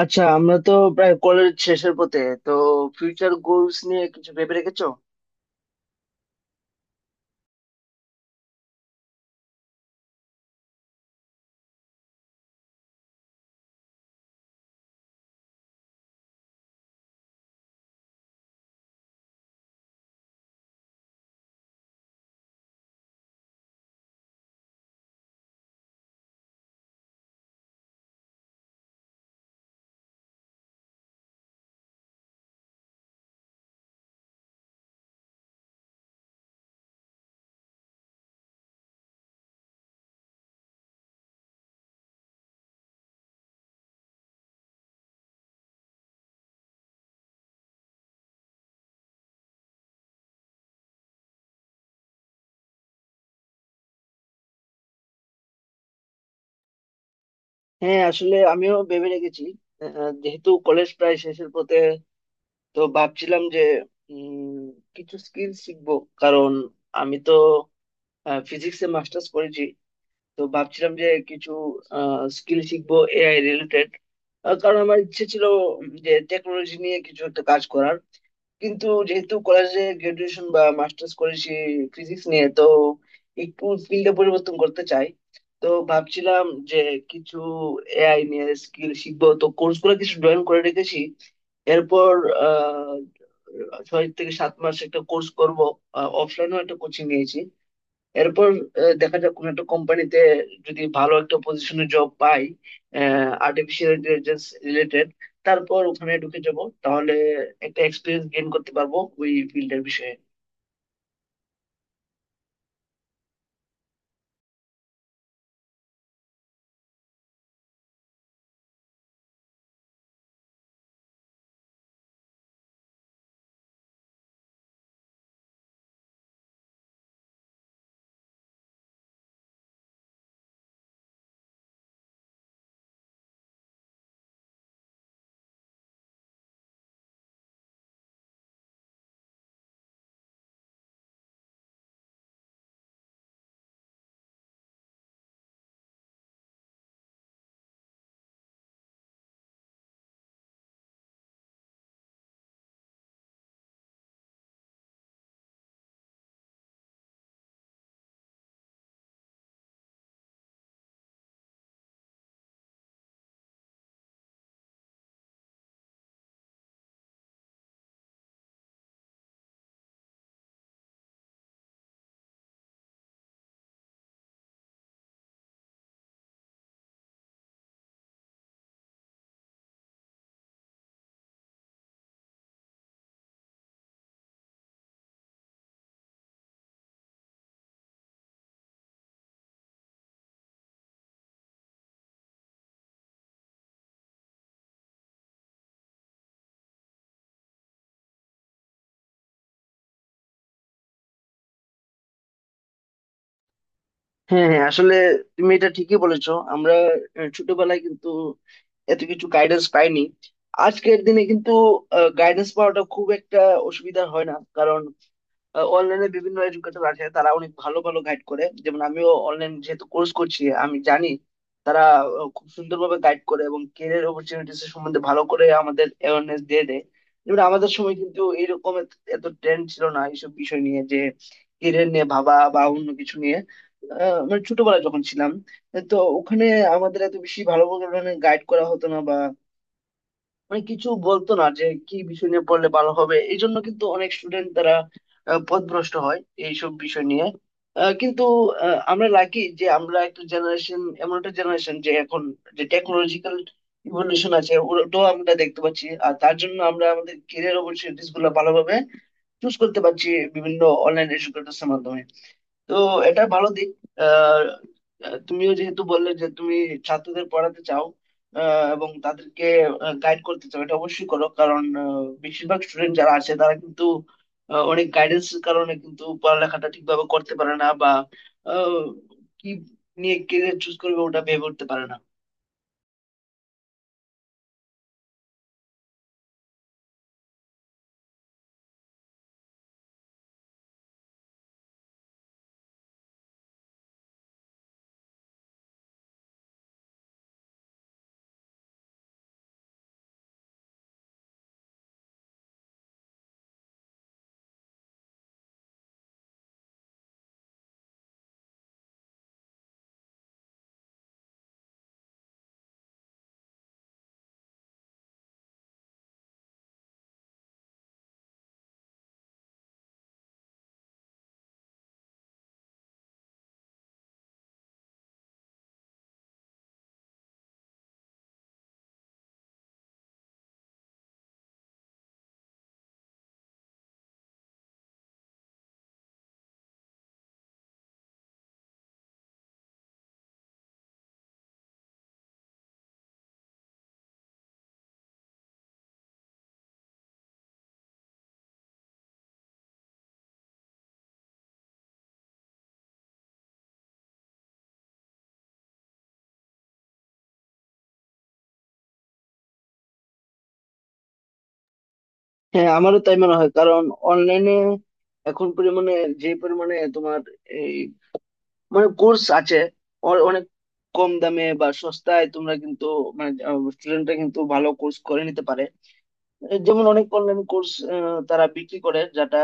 আচ্ছা, আমরা তো প্রায় কলেজ শেষের পথে, তো ফিউচার গোলস নিয়ে কিছু ভেবে রেখেছো? হ্যাঁ, আসলে আমিও ভেবে রেখেছি। যেহেতু কলেজ প্রায় শেষের পথে, তো ভাবছিলাম যে উম, কিছু স্কিল শিখবো, কারণ আমি তো ফিজিক্সে মাস্টার্স করেছি। তো ভাবছিলাম যে কিছু স্কিল শিখবো এআই রিলেটেড, কারণ আমার ইচ্ছে ছিল যে টেকনোলজি নিয়ে কিছু একটা কাজ করার। কিন্তু যেহেতু কলেজে গ্রাজুয়েশন বা মাস্টার্স করেছি ফিজিক্স নিয়ে, তো একটু ফিল্ডে পরিবর্তন করতে চাই। তো ভাবছিলাম যে কিছু এআই নিয়ে স্কিল শিখবো, তো কোর্স গুলো কিছু জয়েন করে রেখেছি। এরপর আহ 6 থেকে 7 মাস একটা কোর্স করব, অফলাইনেও একটা কোচিং নিয়েছি। এরপর দেখা যাক কোন একটা কোম্পানিতে যদি ভালো একটা পজিশনে জব পাই আর্টিফিশিয়াল ইন্টেলিজেন্স রিলেটেড, তারপর ওখানে ঢুকে যাব। তাহলে একটা এক্সপিরিয়েন্স গেইন করতে পারবো ওই ফিল্ডের বিষয়ে। হ্যাঁ, হ্যাঁ, আসলে তুমি এটা ঠিকই বলেছো, আমরা ছোটবেলায় কিন্তু এত কিছু গাইডেন্স পাইনি। আজকের দিনে কিন্তু গাইডেন্স পাওয়াটা খুব একটা অসুবিধা হয় না। অনলাইনে বিভিন্ন এডুকেটর আছে, তারা অনেক ভালো ভালো গাইড করে, যেমন আমিও অনলাইন যেহেতু কোর্স করছি আমি জানি, তারা খুব সুন্দরভাবে গাইড করে এবং ক্যারিয়ার অপরচুনিটিস সম্বন্ধে ভালো করে আমাদের অ্যাওয়ারনেস দিয়ে দেয়। যেমন আমাদের সময় কিন্তু এইরকম এত এত ট্রেন্ড ছিল না এইসব বিষয় নিয়ে, যে ক্যারিয়ার নিয়ে ভাবা বা অন্য কিছু নিয়ে। মানে ছোটবেলায় যখন ছিলাম, তো ওখানে আমাদের এত বেশি ভালো করে গাইড করা হতো না। মানে কিছু বলতো না যে কি বিষয় নিয়ে পড়লে ভালো হবে, এই জন্য কিন্তু অনেক স্টুডেন্ট তারা পথভ্রষ্ট হয় এইসব বিষয় নিয়ে। আহ, কিন্তু আমরা লাকি যে আমরা একটা জেনারেশন, এমন একটা জেনারেশন যে এখন যে টেকনোলজিক্যাল ইভলিউশন আছে ওটাও আমরা দেখতে পাচ্ছি, আর তার জন্য আমরা আমাদের কেরিয়ার অপরচুনিটিস গুলো ভালোভাবে চুজ করতে পারছি বিভিন্ন অনলাইন এডুকেটরস এর মাধ্যমে। তো এটা ভালো দিক। আহ, তুমিও যেহেতু বললে যে তুমি ছাত্রদের পড়াতে চাও, এবং তাদেরকে গাইড করতে চাও, এটা অবশ্যই করো, কারণ বেশিরভাগ স্টুডেন্ট যারা আছে তারা কিন্তু অনেক গাইডেন্সের কারণে কিন্তু পড়ালেখাটা ঠিকভাবে করতে পারে না, বা আহ, কি নিয়ে কেরিয়ার চুজ করবে ওটা ভেবে উঠতে পারে না। হ্যাঁ, আমারও তাই মনে হয়, কারণ অনলাইনে এখন পরিমাণে, যে পরিমাণে তোমার মানে কোর্স আছে, অনেক কম দামে বা সস্তায় তোমরা কিন্তু, মানে স্টুডেন্টরা কিন্তু ভালো কোর্স করে নিতে পারে। এ যেমন অনেক অনলাইন কোর্স তারা বিক্রি করে, যেটা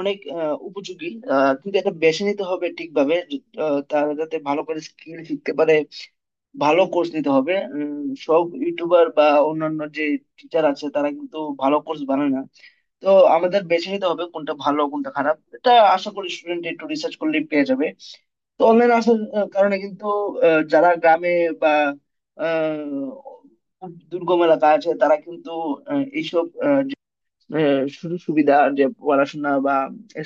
অনেক উপযোগী। কিন্তু এটা বেছে নিতে হবে ঠিকভাবে, তারা যাতে ভালো করে স্কিল শিখতে পারে, ভালো কোর্স নিতে হবে। সব ইউটিউবার বা অন্যান্য যে টিচার আছে তারা কিন্তু ভালো কোর্স বানায় না। তো আমাদের বেছে নিতে হবে কোনটা ভালো কোনটা খারাপ, এটা আশা করি স্টুডেন্ট একটু রিসার্চ করলেই পেয়ে যাবে। তো অনলাইন আসার কারণে কিন্তু যারা গ্রামে বা দুর্গম এলাকা আছে, তারা কিন্তু এইসব সুযোগ সুবিধা, যে পড়াশোনা বা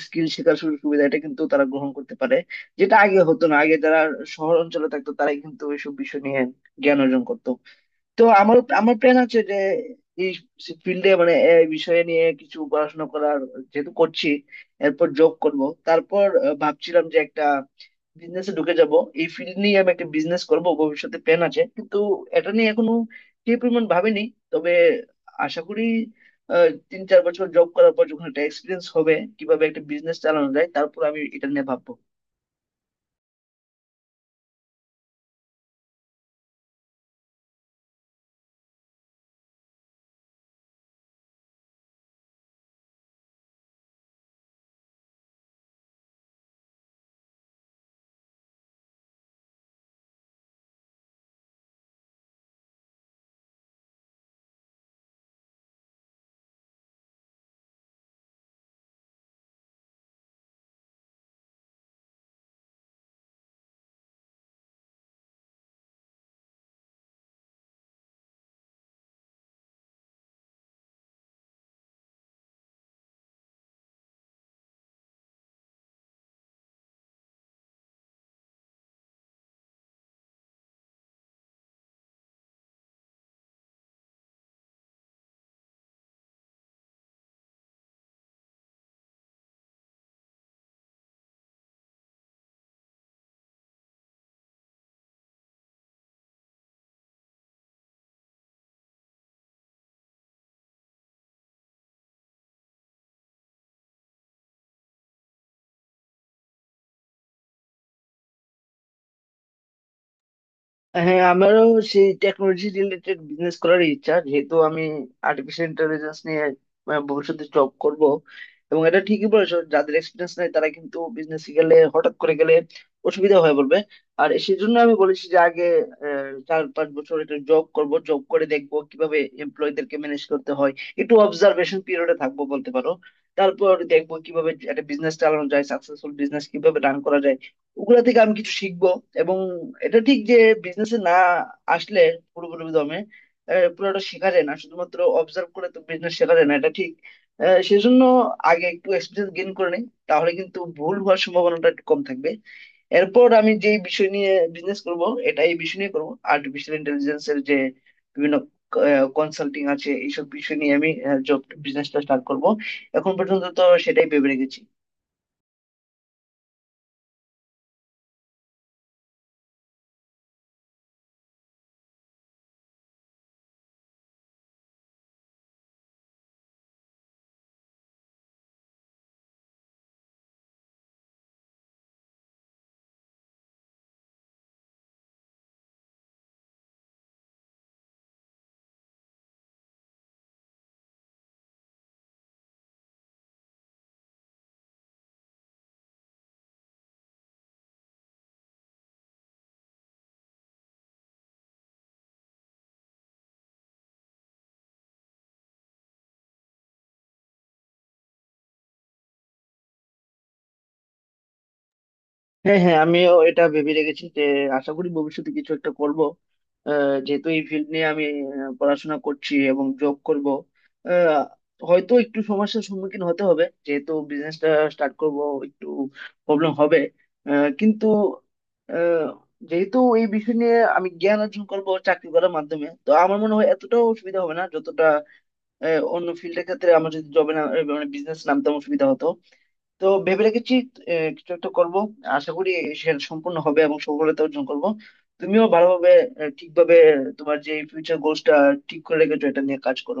স্কিল শেখার সুযোগ সুবিধা, এটা কিন্তু তারা গ্রহণ করতে পারে। যেটা আগে হতো না, আগে যারা শহর অঞ্চলে থাকতো তারাই কিন্তু এইসব বিষয় নিয়ে জ্ঞান অর্জন করতো। তো আমার আমার প্ল্যান আছে যে এই ফিল্ডে, মানে এই বিষয়ে নিয়ে কিছু পড়াশোনা করার, যেহেতু করছি, এরপর জব করব। তারপর ভাবছিলাম যে একটা বিজনেসে ঢুকে যাব। এই ফিল্ড নিয়ে আমি একটা বিজনেস করব ভবিষ্যতে, প্ল্যান আছে, কিন্তু এটা নিয়ে এখনো কি পরিমাণ ভাবিনি। তবে আশা করি 3-4 বছর জব করার পর যখন একটা এক্সপিরিয়েন্স হবে কিভাবে একটা বিজনেস চালানো যায়, তারপর আমি এটা নিয়ে ভাববো। হ্যাঁ, আমারও সেই টেকনোলজি রিলেটেড বিজনেস করার ইচ্ছা, যেহেতু আমি আর্টিফিশিয়াল ইন্টেলিজেন্স নিয়ে ভবিষ্যতে জব করব। এবং এটা ঠিকই বলেছো, যাদের এক্সপিরিয়েন্স নাই তারা কিন্তু বিজনেস গেলে, হঠাৎ করে গেলে অসুবিধা হয়ে পড়বে। আর সেই জন্য আমি বলেছি যে আগে 4-5 বছর একটা জব করব, জব করে দেখবো কিভাবে এমপ্লয়ীদেরকে ম্যানেজ করতে হয়, একটু অবজারভেশন পিরিয়ডে থাকবো বলতে পারো। তারপর দেখবো কিভাবে একটা বিজনেস চালানো যায়, সাকসেসফুল বিজনেস কিভাবে রান করা যায়, ওগুলা থেকে আমি কিছু শিখবো। এবং এটা ঠিক যে বিজনেসে, না, আসলে পুরোপুরি দমে পুরোটা শেখা যায় না, শুধুমাত্র অবজার্ভ করে তো বিজনেস শেখা যায় না, এটা ঠিক। সেজন্য আগে একটু এক্সপিরিয়েন্স গেইন করে নেই, তাহলে কিন্তু ভুল হওয়ার সম্ভাবনাটা একটু কম থাকবে। এরপর আমি যে বিষয় নিয়ে বিজনেস করব, এটা এই বিষয় নিয়ে করবো, আর্টিফিশিয়াল ইন্টেলিজেন্স এর যে বিভিন্ন কনসাল্টিং আছে এইসব বিষয় নিয়ে আমি জব বিজনেসটা স্টার্ট করব। এখন পর্যন্ত তো সেটাই ভেবে রেখেছি। হ্যাঁ, হ্যাঁ, আমিও এটা ভেবে রেখেছি যে আশা করি ভবিষ্যতে কিছু একটা করব। যেহেতু এই ফিল্ড নিয়ে আমি পড়াশোনা করছি এবং জব করব, আহ, হয়তো একটু সমস্যার সম্মুখীন হতে হবে, যেহেতু বিজনেসটা স্টার্ট করব, একটু প্রবলেম হবে। কিন্তু আহ, যেহেতু এই বিষয় নিয়ে আমি জ্ঞান অর্জন করব চাকরি করার মাধ্যমে, তো আমার মনে হয় এতটাও অসুবিধা হবে না, যতটা অন্য ফিল্ডের ক্ষেত্রে আমার যদি জবে না, মানে বিজনেস নামতে অসুবিধা হতো। তো ভেবে রেখেছি কিছু একটা করব, আশা করি সেটা সম্পূর্ণ হবে এবং সফলতা অর্জন করব। তুমিও ভালোভাবে, ঠিকভাবে তোমার যে ফিউচার গোলসটা ঠিক করে রেখেছো এটা নিয়ে কাজ করো।